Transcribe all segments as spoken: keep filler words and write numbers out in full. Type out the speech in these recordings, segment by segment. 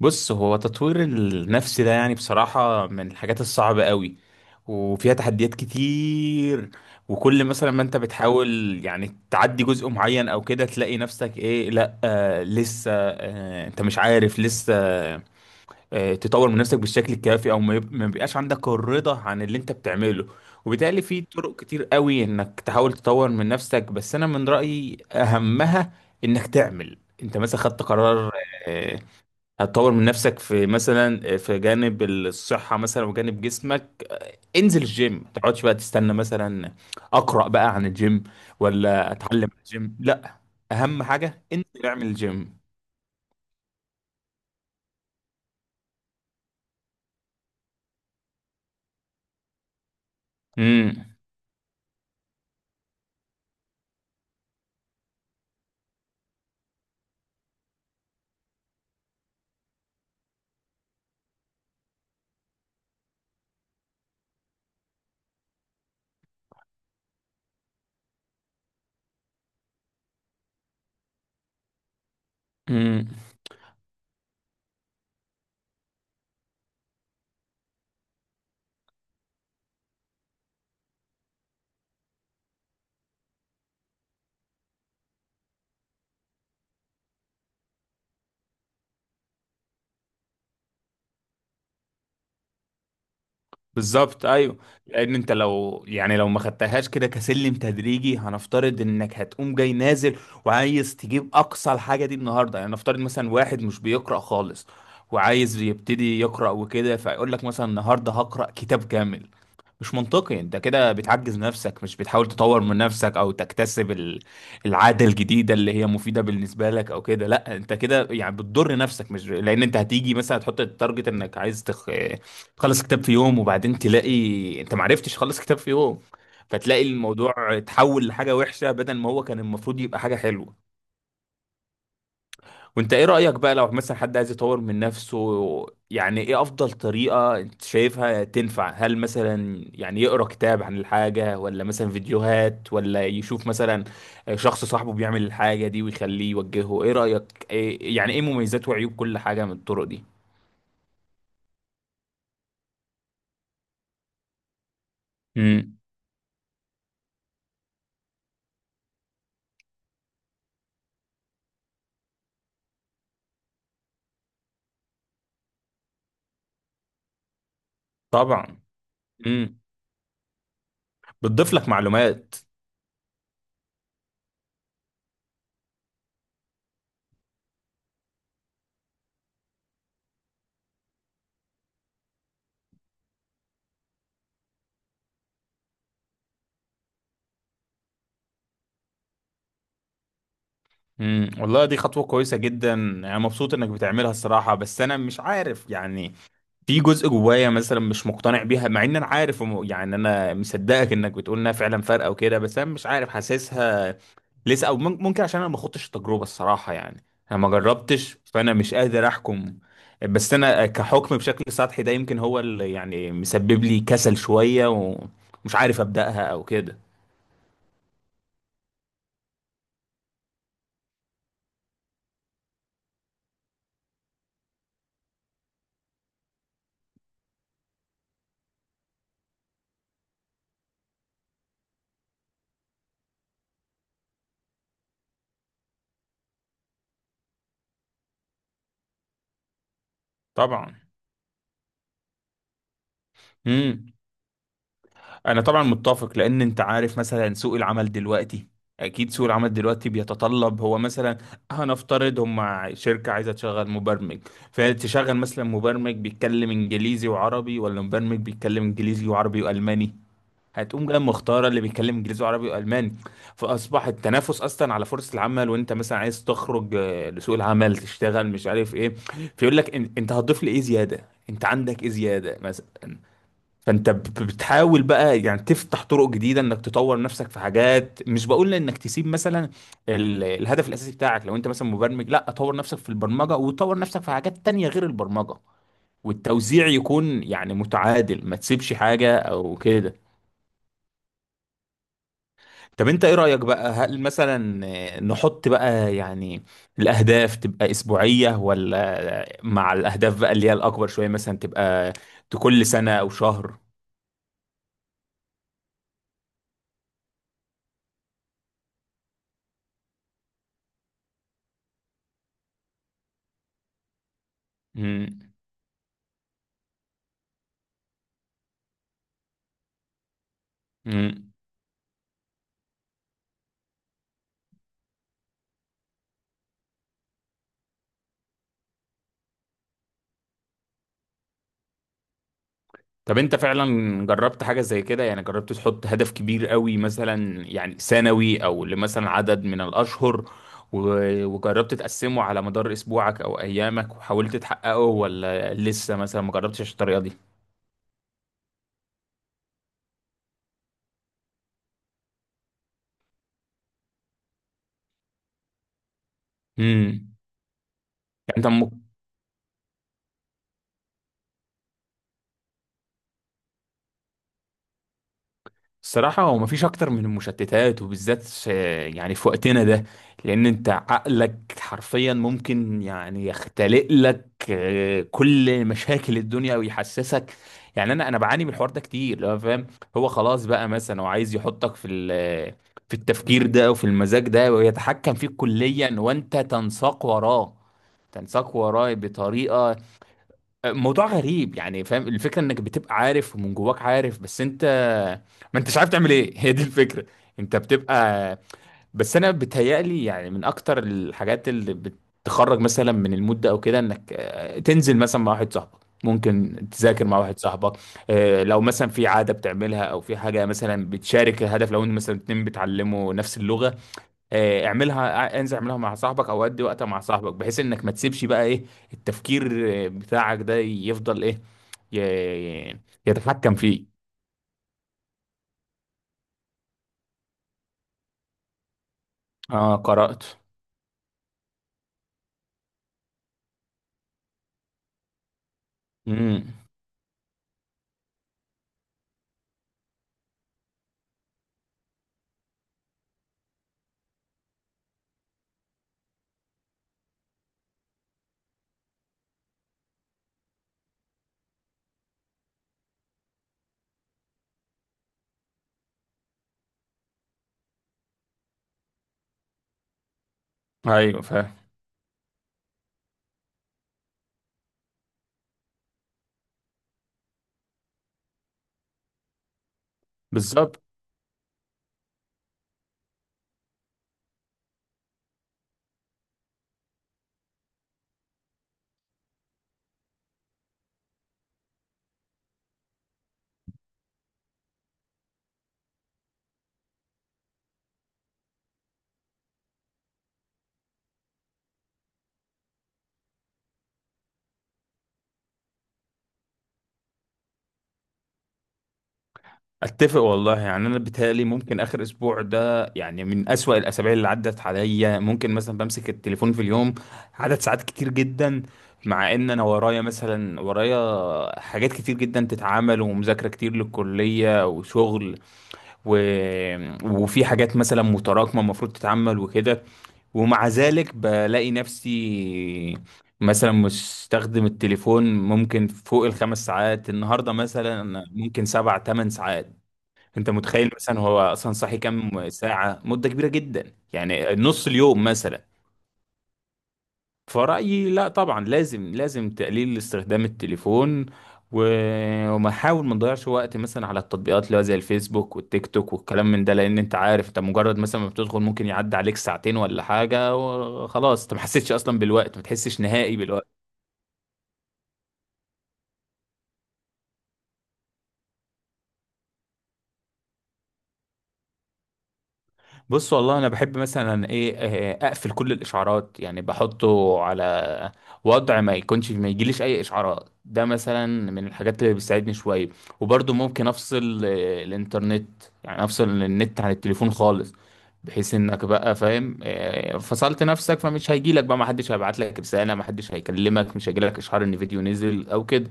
بص، هو تطوير النفس ده يعني بصراحة من الحاجات الصعبة قوي، وفيها تحديات كتير. وكل مثلا ما انت بتحاول يعني تعدي جزء معين او كده، تلاقي نفسك ايه، لا آه لسه، آه انت مش عارف لسه آه تطور من نفسك بالشكل الكافي، او ما يب- ما بيبقاش عندك الرضا عن اللي انت بتعمله. وبالتالي في طرق كتير قوي انك تحاول تطور من نفسك، بس انا من رأيي اهمها انك تعمل. انت مثلا خدت قرار، آه، هتطور من نفسك في مثلا في جانب الصحة مثلا وجانب جسمك. انزل الجيم، ما تقعدش بقى تستنى مثلا، اقرأ بقى عن الجيم ولا اتعلم عن الجيم، لا اهم حاجة انزل اعمل الجيم. امم. بالظبط ايوه. لان انت لو يعني لو ما خدتهاش كده كسلم تدريجي، هنفترض انك هتقوم جاي نازل وعايز تجيب اقصى الحاجه دي النهارده، يعني نفترض مثلا واحد مش بيقرا خالص وعايز يبتدي يقرا وكده، فيقول لك مثلا النهارده هقرا كتاب كامل. مش منطقي، انت كده بتعجز نفسك، مش بتحاول تطور من نفسك او تكتسب ال- العادة الجديدة اللي هي مفيدة بالنسبة لك او كده. لا انت كده يعني بتضر نفسك، مش لان انت هتيجي مثلا هتحط التارجت انك عايز تخ... تخلص كتاب في يوم، وبعدين تلاقي انت معرفتش تخلص كتاب في يوم، فتلاقي الموضوع اتحول لحاجة وحشة بدل ما هو كان المفروض يبقى حاجة حلوة. وانت ايه رأيك بقى لو مثلا حد عايز يطور من نفسه؟ يعني ايه افضل طريقة انت شايفها تنفع؟ هل مثلا يعني يقرأ كتاب عن الحاجة، ولا مثلا فيديوهات، ولا يشوف مثلا شخص صاحبه بيعمل الحاجة دي ويخليه يوجهه؟ ايه رأيك إيه؟ يعني ايه مميزات وعيوب كل حاجة من الطرق دي؟ امم. طبعا. امم. بتضيف لك معلومات. امم، والله دي خطوة كويسة جدا، انا مبسوط انك بتعملها الصراحة. بس انا مش عارف يعني، في جزء جوايا مثلا مش مقتنع بيها، مع ان انا عارف وم- يعني انا مصدقك انك بتقول انها فعلا فارقة وكده، بس انا مش عارف حاسسها لسه. او مم- ممكن عشان انا ما خدتش التجربة الصراحة، يعني انا ما جربتش فانا مش قادر احكم. بس انا كحكم بشكل سطحي ده، يمكن هو اللي يعني مسبب لي كسل شوية ومش عارف ابدأها او كده. طبعا. امم. انا طبعا متفق، لان انت عارف مثلا سوق العمل دلوقتي، اكيد سوق العمل دلوقتي بيتطلب. هو مثلا هنفترض هم شركة عايزة تشغل مبرمج، فتشغل مثلا مبرمج بيتكلم انجليزي وعربي، ولا مبرمج بيتكلم انجليزي وعربي والماني؟ هتقوم جاي مختارة اللي بيتكلم انجليزي وعربي والماني. فاصبح التنافس اصلا على فرصة العمل. وانت مثلا عايز تخرج آه، لسوق العمل تشتغل مش عارف ايه، فيقول لك إن- انت هتضيف لي ايه زيادة؟ انت عندك ايه زيادة مثلا؟ فانت ب- بتحاول بقى يعني تفتح طرق جديده انك تطور نفسك في حاجات. مش بقول انك تسيب مثلا ال- الهدف الاساسي بتاعك، لو انت مثلا مبرمج لا طور نفسك في البرمجه وطور نفسك في حاجات تانية غير البرمجه. والتوزيع يكون يعني متعادل، ما تسيبش حاجه او كده. طب انت ايه رايك بقى؟ هل مثلا آه، نحط بقى يعني الاهداف تبقى اسبوعيه، ولا مع الاهداف بقى اللي هي الاكبر شويه مثلا تبقى كل سنه او شهر؟ امم. طب انت فعلا جربت حاجة زي كده؟ يعني جربت تحط هدف كبير قوي مثلا، يعني سنوي او لمثلا عدد من الاشهر، و- وجربت تقسمه على مدار اسبوعك او ايامك وحاولت تحققه، ولا لسه مثلا ما جربتش الطريقة دي؟ امم. يعني انت م- الصراحة هو مفيش أكتر من المشتتات، وبالذات س- يعني في وقتنا ده. لأن أنت عقلك حرفيا ممكن يعني يختلق لك آه، كل مشاكل الدنيا ويحسسك. يعني أنا أنا بعاني من الحوار ده كتير لو فاهم. هو خلاص بقى مثلا هو عايز يحطك في ال- في التفكير ده وفي المزاج ده، ويتحكم فيك كليا وأنت تنساق وراه. تنساق وراه بطريقة موضوع غريب، يعني فاهم الفكرة انك بتبقى عارف ومن جواك عارف، بس انت ما انتش عارف تعمل ايه هي دي الفكرة. انت بتبقى. بس انا بتهيألي يعني من اكتر الحاجات اللي بتخرج مثلا من المود ده او كده، انك آه، تنزل مثلا مع واحد صاحبك، ممكن تذاكر مع واحد صاحبك. آه، لو مثلا في عادة بتعملها او في حاجة مثلا بتشارك الهدف، لو انت مثلا اتنين بتعلموا نفس اللغة، آه، اعملها، آه، انزل اعملها مع صاحبك او ادي وقتها مع صاحبك، بحيث انك ما تسيبش بقى ايه التفكير آه، بتاعك ده يفضل ايه ي- يتحكم فيه. اه، قرأت. امم. ايوه فاهم. بالظبط. اتفق والله. يعني انا بيتهيألي ممكن اخر اسبوع ده يعني من اسوأ الاسابيع اللي عدت عليا. ممكن مثلا بمسك التليفون في اليوم عدد ساعات كتير جدا، مع ان انا ورايا مثلا ورايا حاجات كتير جدا تتعمل، ومذاكرة كتير للكلية وشغل، و... وفي حاجات مثلا متراكمة المفروض تتعمل وكده. ومع ذلك بلاقي نفسي مثلا مستخدم التليفون ممكن فوق الخمس ساعات النهاردة، مثلا ممكن سبع تمن ساعات. انت متخيل؟ مثلا هو اصلا صاحي كام ساعة؟ مدة كبيرة جدا، يعني نص اليوم مثلا. فرأيي لا، طبعا لازم لازم تقليل استخدام التليفون، و- وما نحاول ما نضيعش وقت مثلا على التطبيقات اللي هو زي الفيسبوك والتيك توك والكلام من ده. لان انت عارف انت مجرد مثلا ما بتدخل ممكن يعدي عليك ساعتين ولا حاجة، وخلاص انت ما حسيتش اصلا بالوقت، ما تحسش نهائي بالوقت. بص والله انا بحب مثلا ايه، آه، اقفل كل الاشعارات، يعني بحطه على وضع ما يكونش ما يجيليش اي اشعارات. ده مثلا من الحاجات اللي بتساعدني شويه. وبرضه ممكن افصل آه، الانترنت، يعني افصل النت عن التليفون خالص، بحيث انك بقى فاهم آه، فصلت نفسك، فمش هيجيلك بقى، ما حدش هيبعت لك رساله، ما حدش هيكلمك، مش هيجيلك اشعار ان فيديو نزل او كده.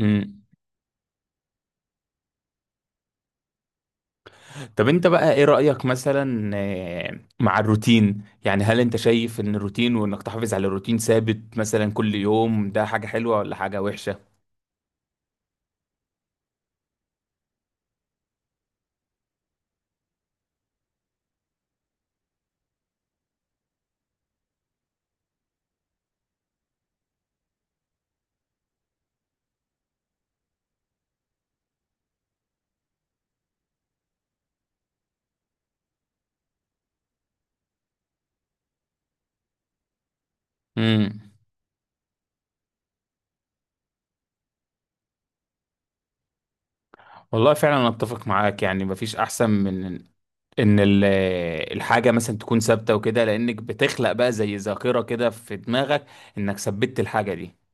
انت- طب انت بقى ايه رأيك مثلا آه، مع الروتين؟ يعني هل انت شايف ان الروتين وانك تحافظ على روتين ثابت مثلا كل يوم ده حاجة حلوة ولا حاجة وحشة؟ امم. والله فعلا انا اتفق معاك، يعني مفيش احسن من ان ال- الحاجة مثلا تكون ثابتة وكده، لانك بتخلق بقى زي ذاكرة كده في دماغك انك ثبتت الحاجة دي.